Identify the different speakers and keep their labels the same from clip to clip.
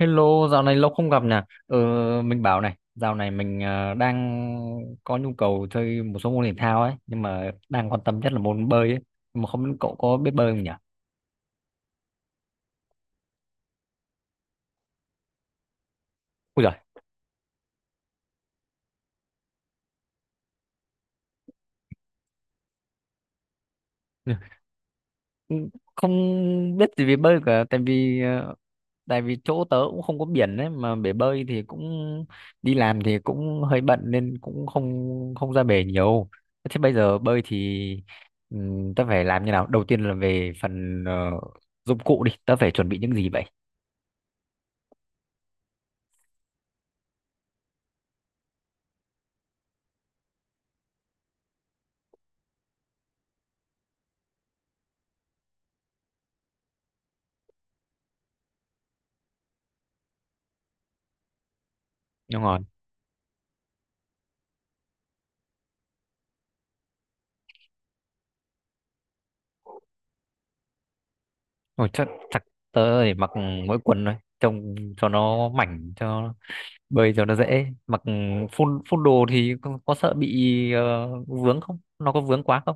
Speaker 1: Hello, dạo này lâu không gặp nè. Ờ, mình bảo này, dạo này mình đang có nhu cầu chơi một số môn thể thao ấy, nhưng mà đang quan tâm nhất là môn bơi ấy. Nhưng mà không biết cậu có biết bơi không nhỉ? Ui giời, không biết gì về bơi cả, tại vì tại vì chỗ tớ cũng không có biển đấy, mà bể bơi thì cũng đi làm thì cũng hơi bận nên cũng không không ra bể nhiều. Thế bây giờ bơi thì tớ phải làm như nào? Đầu tiên là về phần dụng cụ đi, tớ phải chuẩn bị những gì vậy? Đúng rồi. Ôi, chắc chắc tớ để mặc mỗi quần thôi, trông cho nó mảnh, cho bơi cho nó dễ mặc. Phun phun đồ thì có sợ bị vướng không, nó có vướng quá không?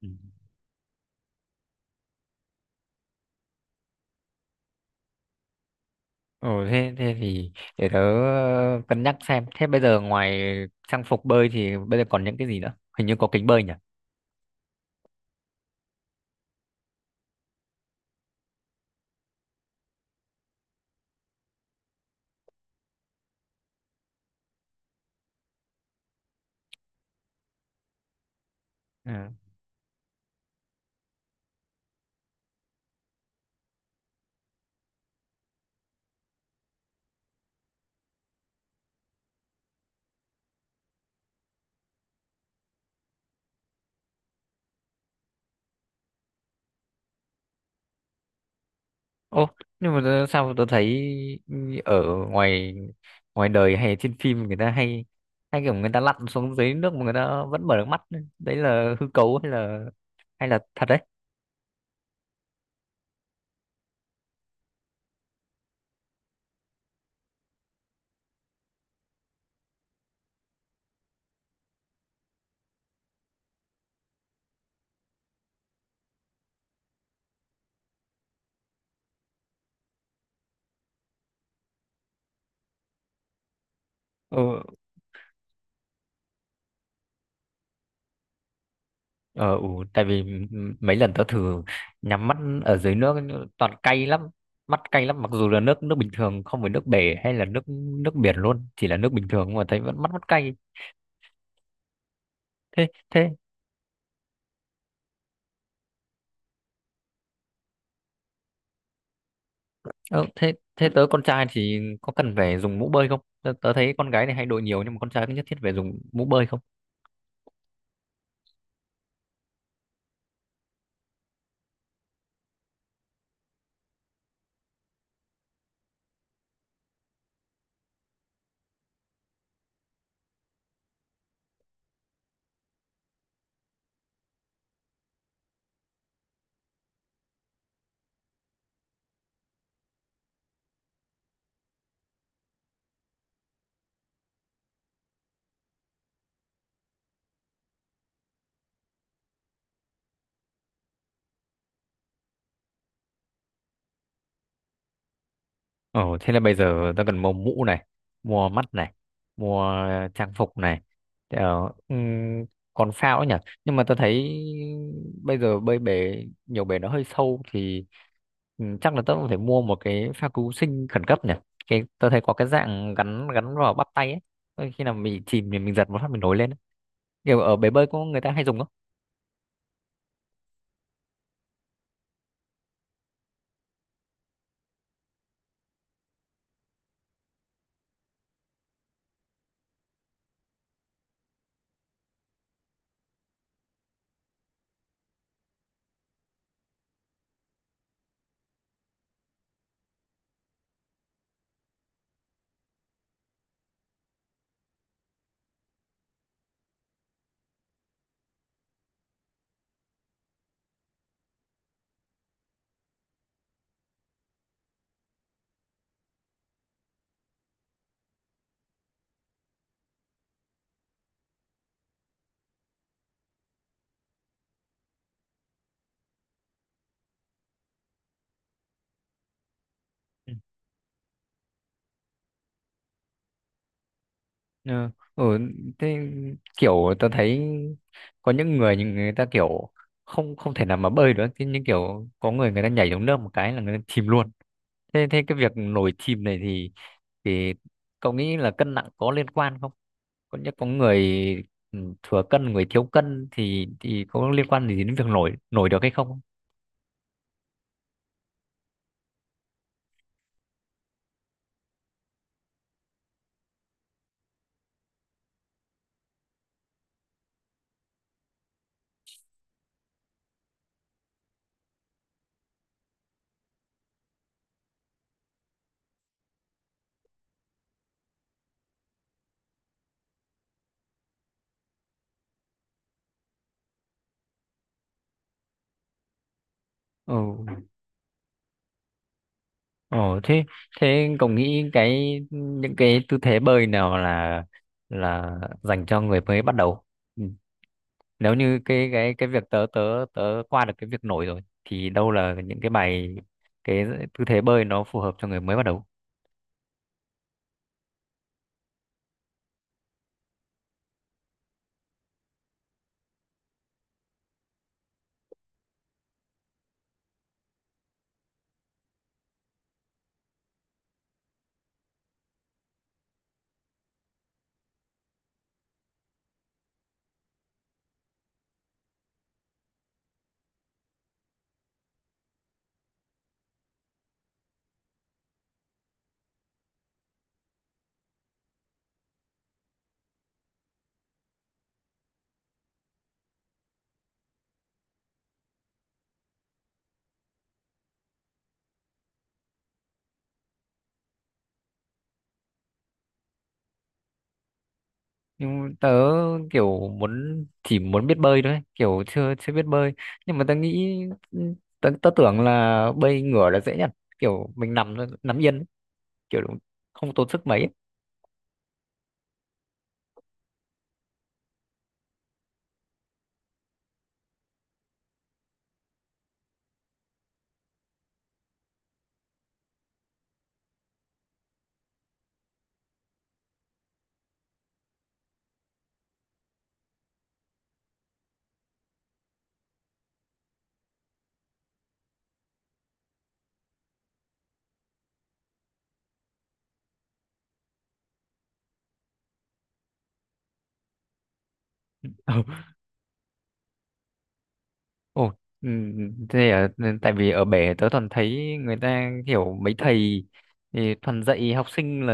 Speaker 1: Ừ. Ừ, thế thì để tớ cân nhắc xem. Thế bây giờ ngoài trang phục bơi thì bây giờ còn những cái gì nữa? Hình như có kính bơi nhỉ? Ừ. Ô, nhưng mà sao tôi thấy ở ngoài ngoài đời hay trên phim người ta hay hay kiểu người ta lặn xuống dưới nước mà người ta vẫn mở được mắt. Đấy là hư cấu hay là thật đấy? Ừ. Ờ, ừ, tại vì mấy lần tớ thử nhắm mắt ở dưới nước toàn cay lắm, mắt cay lắm, mặc dù là nước nước bình thường không phải nước bể hay là nước nước biển luôn, chỉ là nước bình thường mà thấy vẫn mắt mắt cay. Thế thế ờ, thế thế tớ con trai thì có cần phải dùng mũ bơi không? Tớ thấy con gái này hay đội nhiều nhưng mà con trai có nhất thiết phải dùng mũ bơi không? Ờ, thế là bây giờ ta cần mua mũ này, mua mắt này, mua trang phục này. Ờ, ừm, còn phao ấy nhỉ? Nhưng mà ta thấy bây giờ bơi bể, nhiều bể nó hơi sâu thì chắc là ta cũng phải mua một cái phao cứu sinh khẩn cấp nhỉ? Cái, ta thấy có cái dạng gắn gắn vào bắp tay ấy. Ờ, khi nào mình chìm thì mình giật một phát mình nổi lên ấy. Kiểu ở bể bơi có người ta hay dùng không? Ừ. Ừ. Thế kiểu tao thấy có những người nhưng người ta kiểu không không thể nào mà bơi được, thế nhưng kiểu có người người ta nhảy xuống nước một cái là người ta chìm luôn. Thế thế cái việc nổi chìm này thì cậu nghĩ là cân nặng có liên quan không? Có nhất có người thừa cân, người thiếu cân thì có liên quan gì đến việc nổi nổi được hay không? Ừ. ờ thế thế cậu nghĩ cái những cái tư thế bơi nào là dành cho người mới bắt đầu? Ừ. Nếu như cái việc tớ tớ tớ qua được cái việc nổi rồi thì đâu là những cái bài cái tư thế bơi nó phù hợp cho người mới bắt đầu? Nhưng tớ kiểu muốn chỉ muốn biết bơi thôi ấy, kiểu chưa chưa biết bơi. Nhưng mà tớ nghĩ tớ tưởng là bơi ngửa là dễ nhất, kiểu mình nằm thôi, nằm yên ấy, kiểu không tốn sức mấy ấy. Ồ, ừ, thế à, nên tại vì ở bể tớ toàn thấy người ta kiểu mấy thầy thì toàn dạy học sinh là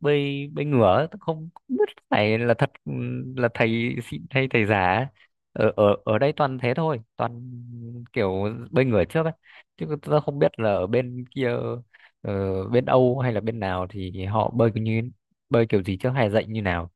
Speaker 1: bơi bơi ngửa ấy, tớ không biết phải là thật là thầy xịn hay thầy giả ở ở ở đây toàn thế thôi, toàn kiểu bơi ngửa trước ấy, chứ tớ không biết là ở bên kia bên Âu hay là bên nào thì họ bơi kiểu như bơi kiểu gì trước hay dạy như nào.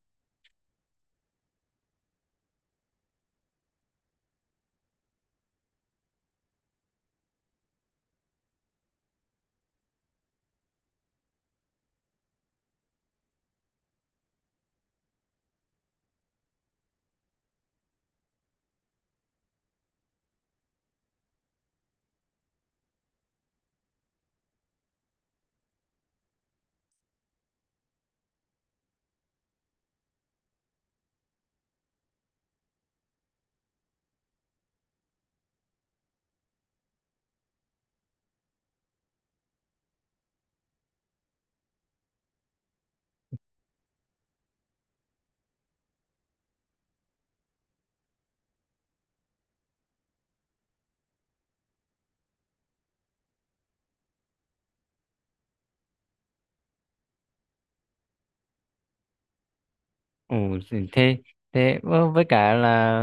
Speaker 1: Ồ, gì thế, thế ơ, với cả là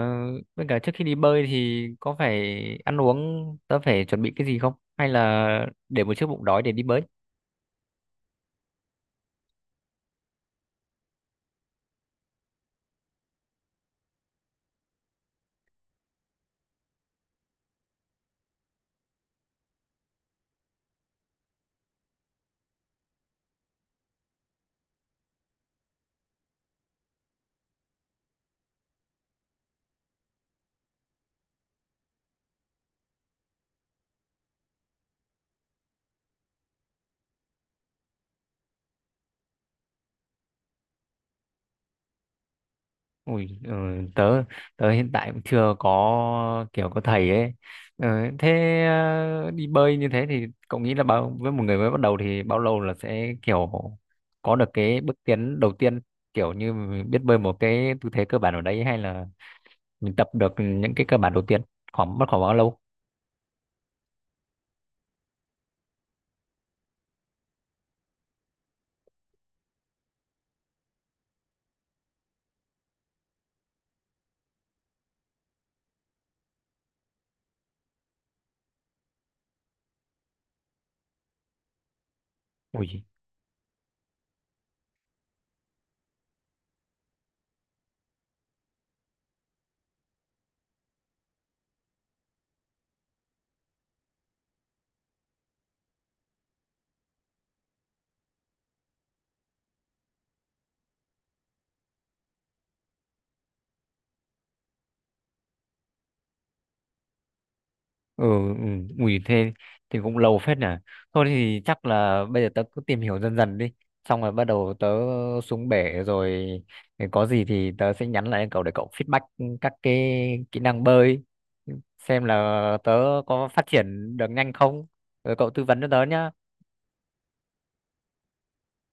Speaker 1: với cả trước khi đi bơi thì có phải ăn uống tớ phải chuẩn bị cái gì không? Hay là để một chiếc bụng đói để đi bơi? Ui, ờ, tớ tớ hiện tại cũng chưa có kiểu có thầy ấy. Ờ, thế đi bơi như thế thì cậu nghĩ là bao với một người mới bắt đầu thì bao lâu là sẽ kiểu có được cái bước tiến đầu tiên, kiểu như mình biết bơi một cái tư thế cơ bản ở đấy hay là mình tập được những cái cơ bản đầu tiên, khoảng mất khoảng bao lâu? Ui ừ, ừ ui thế thì cũng lâu phết nhỉ. Thôi thì chắc là bây giờ tớ cứ tìm hiểu dần dần đi, xong rồi bắt đầu tớ xuống bể rồi thì có gì thì tớ sẽ nhắn lại cậu để cậu feedback các cái kỹ năng bơi, xem là tớ có phát triển được nhanh không, rồi cậu tư vấn cho tớ nhá.